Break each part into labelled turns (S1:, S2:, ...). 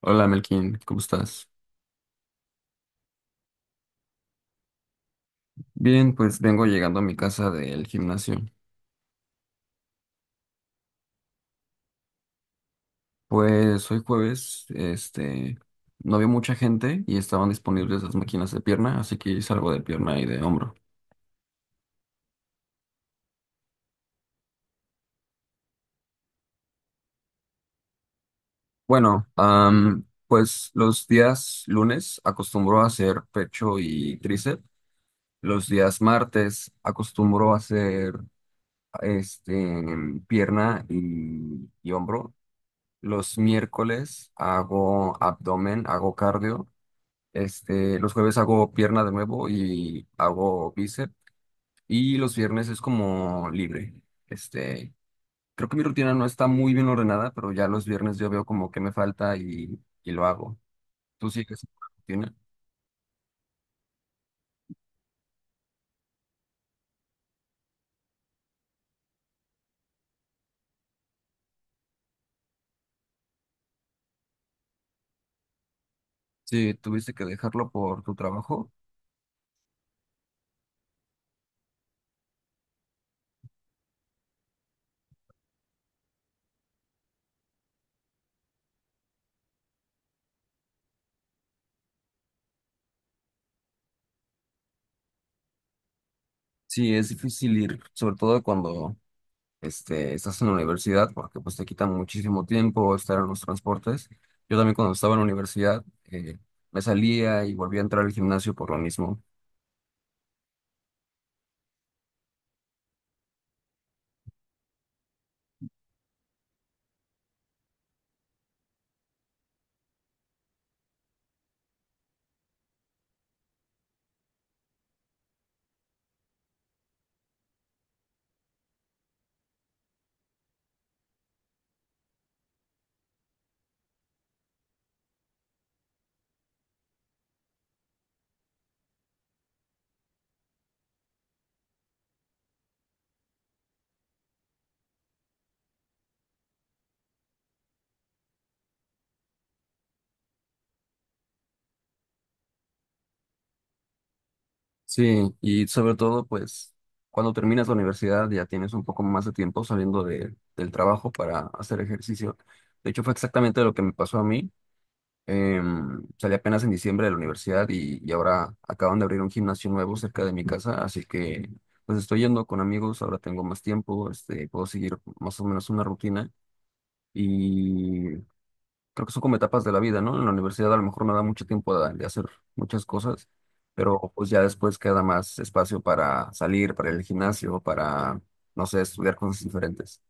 S1: Hola Melkin, ¿cómo estás? Bien, pues vengo llegando a mi casa del gimnasio. Pues hoy jueves, no había mucha gente y estaban disponibles las máquinas de pierna, así que hice algo de pierna y de hombro. Bueno, pues los días lunes acostumbro a hacer pecho y tríceps. Los días martes acostumbro a hacer, este, pierna y hombro. Los miércoles hago abdomen, hago cardio. Los jueves hago pierna de nuevo y hago bíceps. Y los viernes es como libre. Este, creo que mi rutina no está muy bien ordenada, pero ya los viernes yo veo como que me falta y lo hago. ¿Tú sigues con la rutina? Sí, tuviste que dejarlo por tu trabajo. Sí, es difícil ir, sobre todo cuando estás en la universidad, porque pues te quitan muchísimo tiempo estar en los transportes. Yo también cuando estaba en la universidad me salía y volvía a entrar al gimnasio por lo mismo. Sí, y sobre todo, pues, cuando terminas la universidad ya tienes un poco más de tiempo saliendo del trabajo para hacer ejercicio. De hecho, fue exactamente lo que me pasó a mí. Salí apenas en diciembre de la universidad y ahora acaban de abrir un gimnasio nuevo cerca de mi casa, así que pues estoy yendo con amigos. Ahora tengo más tiempo, puedo seguir más o menos una rutina. Y creo que son como etapas de la vida, ¿no? En la universidad a lo mejor no da mucho tiempo de hacer muchas cosas, pero pues ya después queda más espacio para salir, para el gimnasio, para, no sé, estudiar cosas diferentes.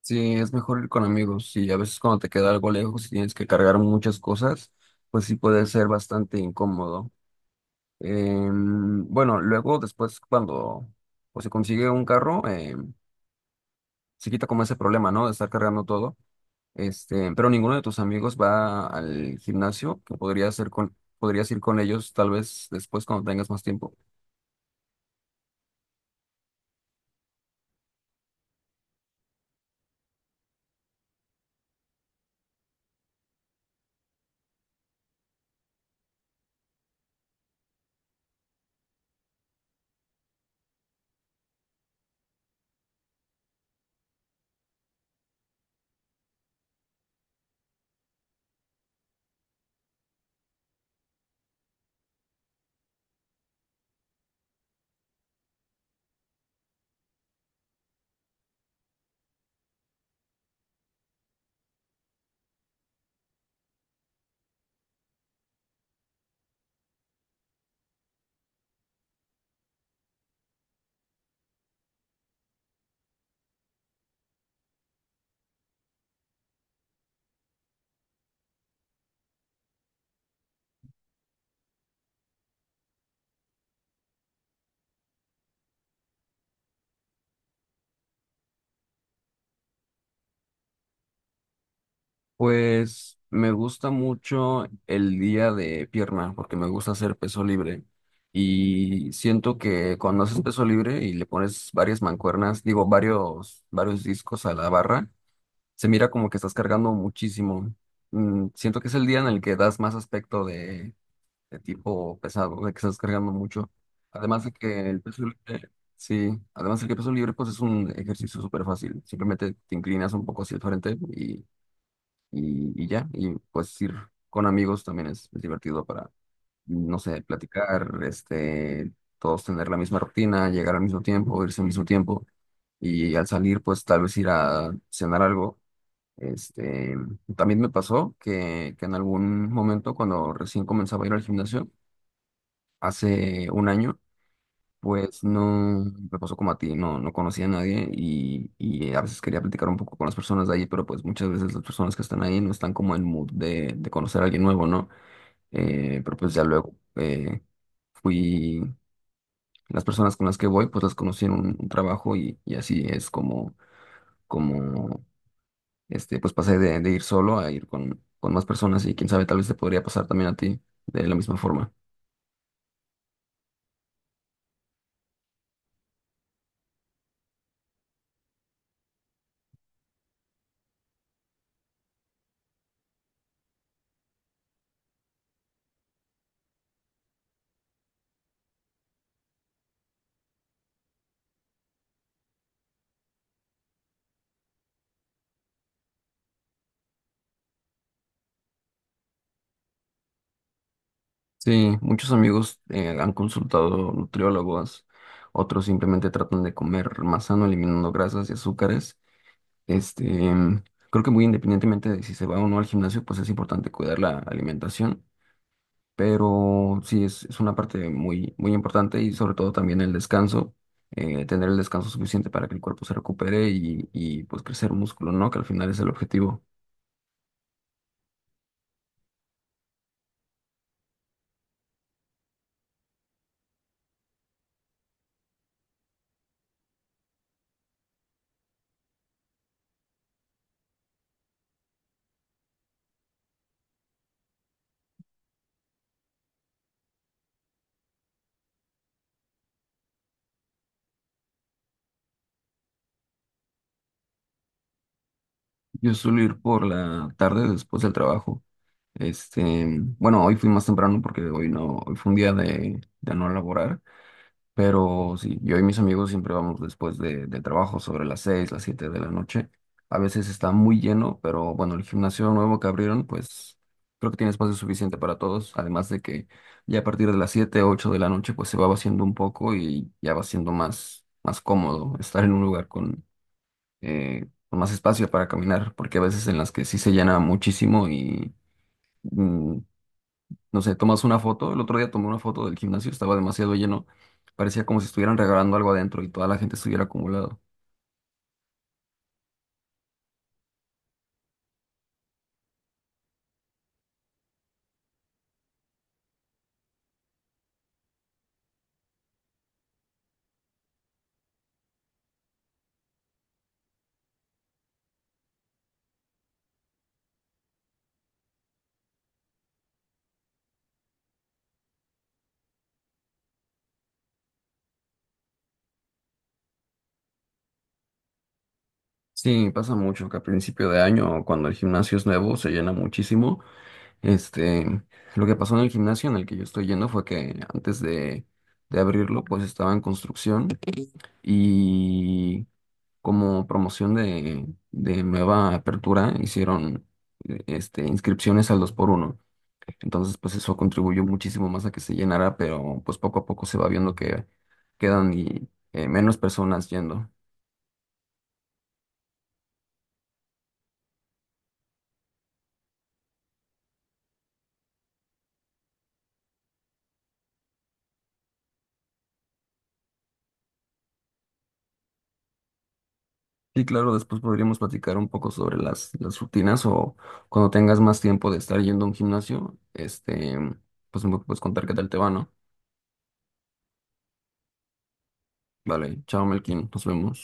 S1: Sí, es mejor ir con amigos, y a veces cuando te queda algo lejos y tienes que cargar muchas cosas, pues sí puede ser bastante incómodo. Bueno, luego después cuando, pues, se consigue un carro, se quita como ese problema, ¿no? De estar cargando todo. Pero ninguno de tus amigos va al gimnasio, que podría hacer con, podrías ir con ellos tal vez después cuando tengas más tiempo. Pues me gusta mucho el día de pierna, porque me gusta hacer peso libre. Y siento que cuando haces peso libre y le pones varias mancuernas, digo, varios discos a la barra, se mira como que estás cargando muchísimo. Siento que es el día en el que das más aspecto de tipo pesado, de que estás cargando mucho. Además de que el peso libre, sí, además de que el peso libre, pues es un ejercicio súper fácil. Simplemente te inclinas un poco hacia el frente y ya. Y pues ir con amigos también es divertido para, no sé, platicar, todos tener la misma rutina, llegar al mismo tiempo, irse al mismo tiempo. Y al salir, pues tal vez ir a cenar algo. Este, también me pasó que en algún momento, cuando recién comenzaba a ir al gimnasio, hace un año, pues no me pasó como a ti, no, no conocía a nadie y a veces quería platicar un poco con las personas de ahí, pero pues muchas veces las personas que están ahí no están como en mood de conocer a alguien nuevo, ¿no? Pero pues ya luego fui, las personas con las que voy, pues las conocí en un trabajo, y así es como, pues pasé de ir solo a ir con más personas, y quién sabe, tal vez te podría pasar también a ti de la misma forma. Sí, muchos amigos han consultado nutriólogos, otros simplemente tratan de comer más sano, eliminando grasas y azúcares. Este, em, creo que, muy independientemente de si se va o no al gimnasio, pues es importante cuidar la alimentación, pero sí es una parte muy, muy importante, y sobre todo también el descanso. Tener el descanso suficiente para que el cuerpo se recupere y pues crecer músculo, ¿no? Que al final es el objetivo. Yo suelo ir por la tarde después del trabajo. Este, bueno, hoy fui más temprano porque hoy no, hoy fue un día de no laborar, pero sí, yo y mis amigos siempre vamos después del trabajo sobre las 6 las 7 de la noche. A veces está muy lleno, pero bueno, el gimnasio nuevo que abrieron, pues creo que tiene espacio suficiente para todos, además de que ya a partir de las 7 8 de la noche, pues se va vaciando un poco y ya va siendo más cómodo estar en un lugar con con más espacio para caminar, porque a veces en las que sí se llena muchísimo y, mm, no sé, tomas una foto. El otro día tomé una foto del gimnasio, estaba demasiado lleno, parecía como si estuvieran regalando algo adentro y toda la gente estuviera acumulado. Sí, pasa mucho que a principio de año, cuando el gimnasio es nuevo, se llena muchísimo. Este, lo que pasó en el gimnasio en el que yo estoy yendo fue que antes de abrirlo, pues estaba en construcción, y como promoción de nueva apertura, hicieron, inscripciones al dos por uno. Entonces, pues eso contribuyó muchísimo más a que se llenara, pero pues poco a poco se va viendo que quedan, menos personas yendo. Y claro, después podríamos platicar un poco sobre las rutinas, o cuando tengas más tiempo de estar yendo a un gimnasio, pues me puedes contar qué tal te va, ¿no? Vale, chao Melkin, nos vemos.